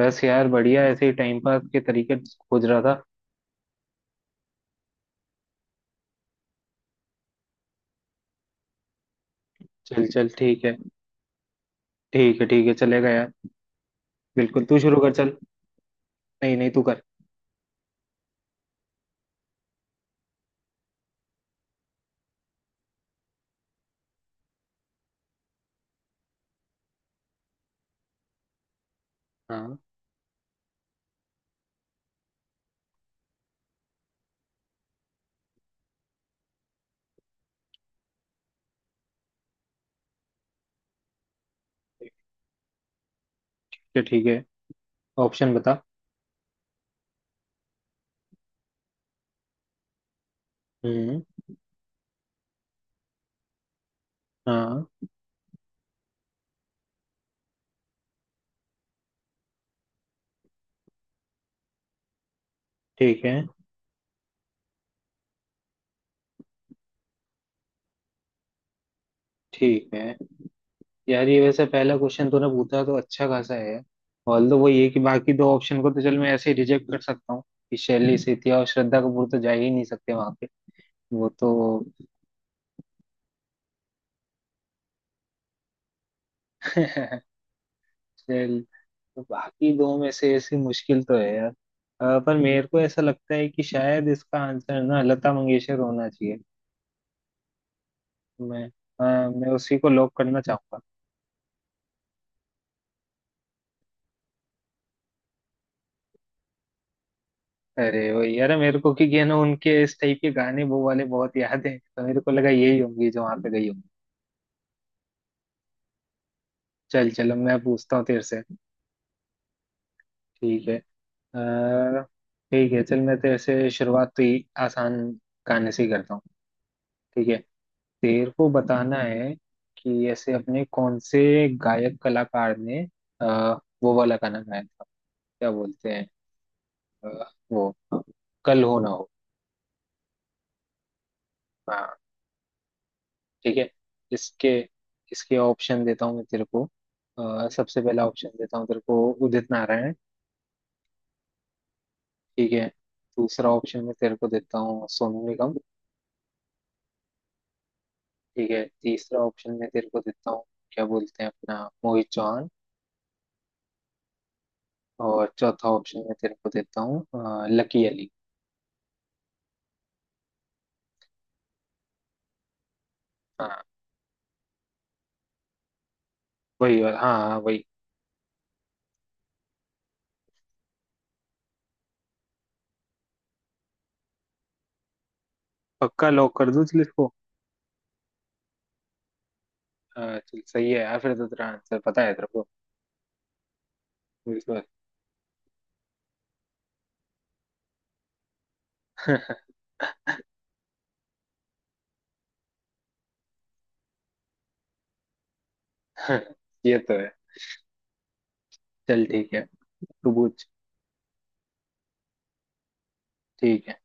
बस यार बढ़िया, ऐसे ही टाइम पास के तरीके खोज रहा था। चल चल, ठीक है। ठीक है ठीक है, चलेगा यार। बिल्कुल, तू शुरू कर चल। नहीं नहीं, तू कर। हाँ। ठीक है ठीक है। ऑप्शन बता। हम्म। हाँ। ठीक है। ठीक है यार, ये वैसे पहला क्वेश्चन तूने पूछा तो अच्छा खासा है। ऑल दो वो ये कि बाकी दो ऑप्शन को तो चल मैं ऐसे ही रिजेक्ट कर सकता हूँ कि शैली सेठिया और श्रद्धा कपूर तो जा ही नहीं सकते वहां पे, वो तो। चल, तो बाकी दो में से ऐसी मुश्किल तो है यार पर मेरे को ऐसा लगता है कि शायद इसका आंसर ना लता मंगेशकर होना चाहिए। मैं मैं उसी को लॉक करना चाहूंगा। अरे वो यार मेरे को, क्योंकि है ना उनके इस टाइप के गाने वो वाले बहुत याद हैं, तो मेरे को लगा यही होंगी जो वहां पे गई होंगी। चल चल, अब मैं पूछता हूँ तेरे से। ठीक है। अ, ठीक है चल, मैं तेरे से शुरुआत तो ही आसान गाने से ही करता हूँ। ठीक है। तेरे को बताना है कि ऐसे अपने कौन से गायक कलाकार ने आ, वो वाला गाना गाया था। क्या बोलते हैं, अ, वो, कल हो ना हो। हाँ। ठीक है। इसके इसके ऑप्शन देता हूँ मैं तेरे को। सबसे पहला ऑप्शन देता हूँ तेरे को, उदित नारायण। ठीक है। दूसरा ऑप्शन में तेरे को देता हूँ सोनू निगम। ठीक है। तीसरा ऑप्शन में तेरे को देता हूँ, क्या बोलते हैं, अपना मोहित चौहान। और चौथा ऑप्शन में तेरे को देता हूँ लकी अली। हाँ। वही। हाँ हाँ वही। पक्का लॉक कर दूं चल इसको। हाँ, चल सही है यार, फिर तो तेरा आंसर पता है तेरे को। बिल्कुल। ये तो है। चल ठीक है, तू पूछ। ठीक है।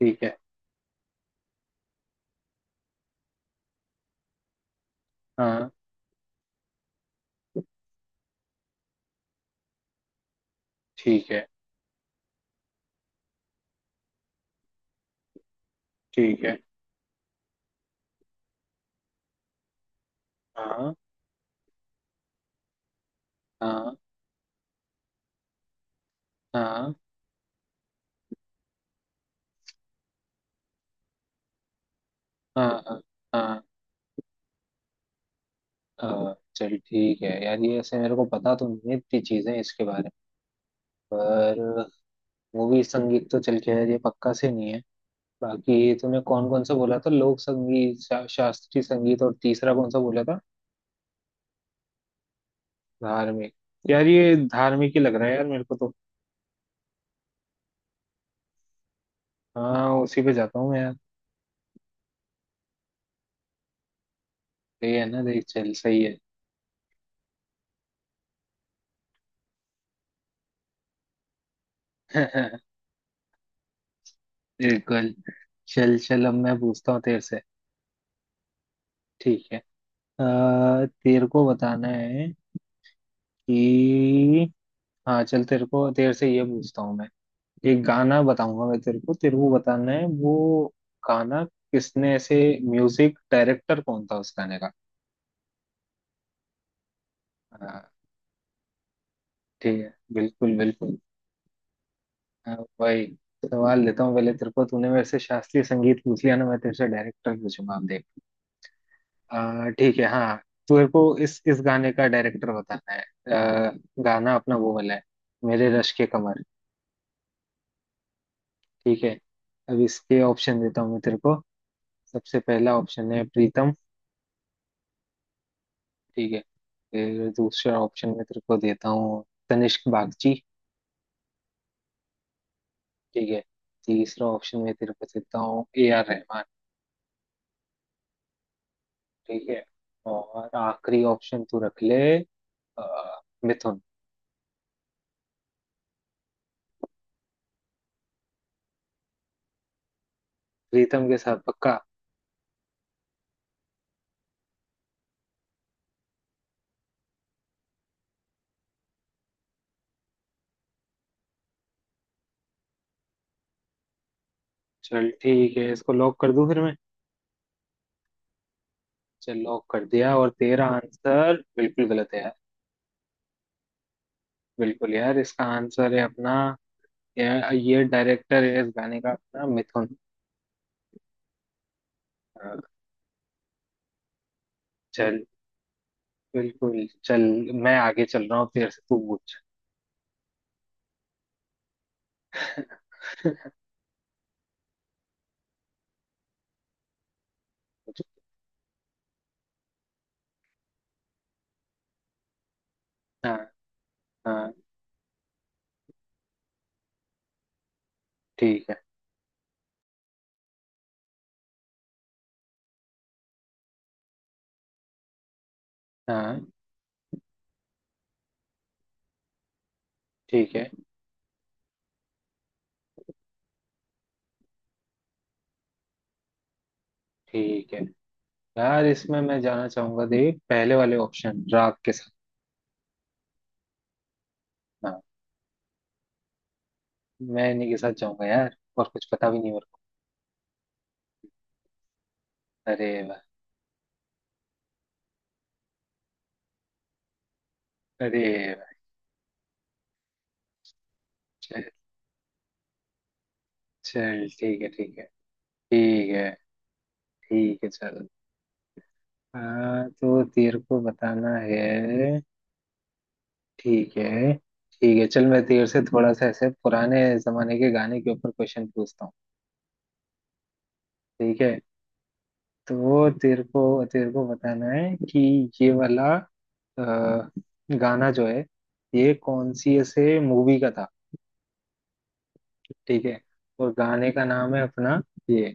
ठीक है। हाँ। ठीक है। ठीक है। हाँ। हाँ। हाँ। हाँ। हाँ। हाँ। हाँ। चल ठीक है यार, ये ऐसे मेरे को पता तो नहीं है इतनी चीजें इसके बारे में, पर मूवी संगीत तो चल के यार ये पक्का से नहीं है। बाकी तुमने कौन कौन सा बोला था? लोक संगीत, शास्त्रीय संगीत, और तीसरा कौन सा बोला था? धार्मिक। यार ये धार्मिक ही लग रहा है यार मेरे को तो। हाँ उसी पे जाता हूँ मैं यार। सही है ना, देख, चल सही है। बिल्कुल। चल चल, अब मैं पूछता हूँ तेरे से। ठीक है। तेरे को बताना है कि, हाँ चल, तेरे को तेरे से ये पूछता हूँ मैं। एक गाना बताऊंगा मैं तेरे को, तेरे को बताना है वो गाना किसने ऐसे, म्यूजिक डायरेक्टर कौन था उस गाने का। हाँ। ठीक है, बिल्कुल बिल्कुल। हाँ, वही सवाल लेता हूँ पहले। तेरे को तूने मेरे से शास्त्रीय संगीत पूछ लिया ना, मैं तेरे से डायरेक्टर पूछूंगा अब देख। ठीक है हाँ। तेरे को इस गाने का डायरेक्टर बताना है। आ, गाना अपना वो वाला है, मेरे रश के कमर। ठीक है। अब इसके ऑप्शन देता हूँ मैं तेरे को। सबसे पहला ऑप्शन है प्रीतम। ठीक है। फिर दूसरा ऑप्शन में तेरे को देता हूँ तनिष्क बागची। ठीक है। तीसरा ऑप्शन में तेरे को देता हूँ ए आर रहमान। ठीक है। और आखिरी ऑप्शन तू रख ले, अ, मिथुन। प्रीतम के साथ पक्का? चल ठीक है, इसको लॉक कर दूं फिर मैं। चल लॉक कर दिया, और तेरा आंसर बिल्कुल गलत है यार। बिल्कुल यार, इसका आंसर है अपना, यार ये डायरेक्टर है इस गाने का अपना मिथुन। अ, चल बिल्कुल। चल मैं आगे चल रहा हूँ, तेरे से तू पूछ। हाँ। हाँ। ठीक है। हाँ। ठीक है। ठीक है यार, इसमें मैं जाना चाहूंगा देख पहले वाले ऑप्शन राग के साथ। हाँ। मैं इन्हीं के साथ जाऊंगा यार, और कुछ पता भी नहीं मेरे को। अरे वाह। अरे वाह। चल चल ठीक है ठीक है। ठीक है ठीक है चल। हाँ, तो तेरे को बताना है। ठीक है। ठीक है चल, मैं तेरे से थोड़ा सा ऐसे पुराने जमाने के गाने के ऊपर क्वेश्चन पूछता हूँ। ठीक है। तो तेरे को, तेरे को बताना है कि ये वाला अ, गाना जो है, ये कौन सी ऐसे मूवी का था। ठीक है। और गाने का नाम है अपना, ये,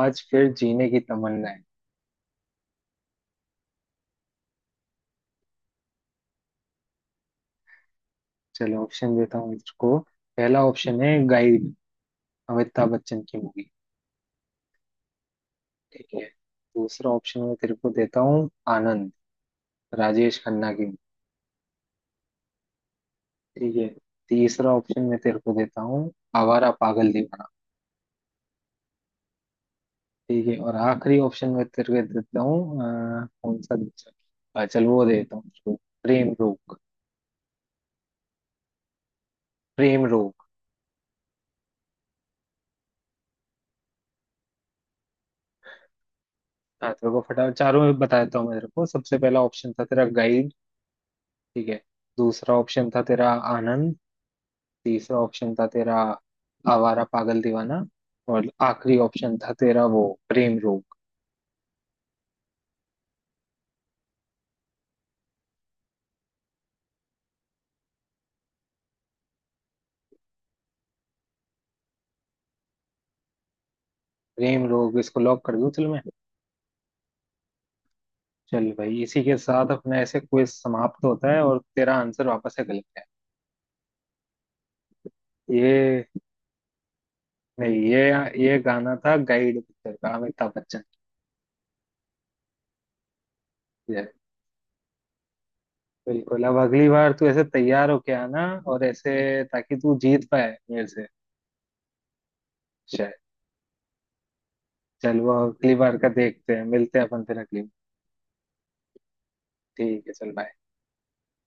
आज फिर जीने की तमन्ना है। चलो ऑप्शन देता हूँ इसको। पहला ऑप्शन है गाइड, अमिताभ बच्चन की मूवी। ठीक है। दूसरा ऑप्शन मैं तेरे को देता हूँ आनंद, राजेश खन्ना की movie। ठीक है। तीसरा ऑप्शन मैं तेरे को देता हूँ आवारा पागल दीवाना। ठीक है, और आखिरी ऑप्शन मैं तेरे को देता हूँ, कौन सा दूसरा, चल वो देता हूँ उसको, प्रेम रोग। प्रेम रोग। हाँ तेरे को फटाफट चारों में बता देता हूँ मैं तेरे को। सबसे पहला ऑप्शन था तेरा गाइड। ठीक है। दूसरा ऑप्शन था तेरा आनंद। तीसरा ऑप्शन था तेरा आवारा पागल दीवाना। और आखिरी ऑप्शन था तेरा वो प्रेम रोग। प्रेम रोग इसको लॉक कर दूं चल मैं। चल भाई, इसी के साथ अपना ऐसे क्विज समाप्त होता है, और तेरा आंसर वापस से गलत है। ये, नहीं ये, ये गाना था गाइड पिक्चर का, अमिताभ बच्चन। ये बिल्कुल, अब अगली बार तू ऐसे तैयार होके आना, और ऐसे ताकि तू जीत पाए मेरे से। शायद। चल वो अगली बार का देखते हैं, मिलते हैं अपन फिर अगली बार। ठीक है चल, बाय।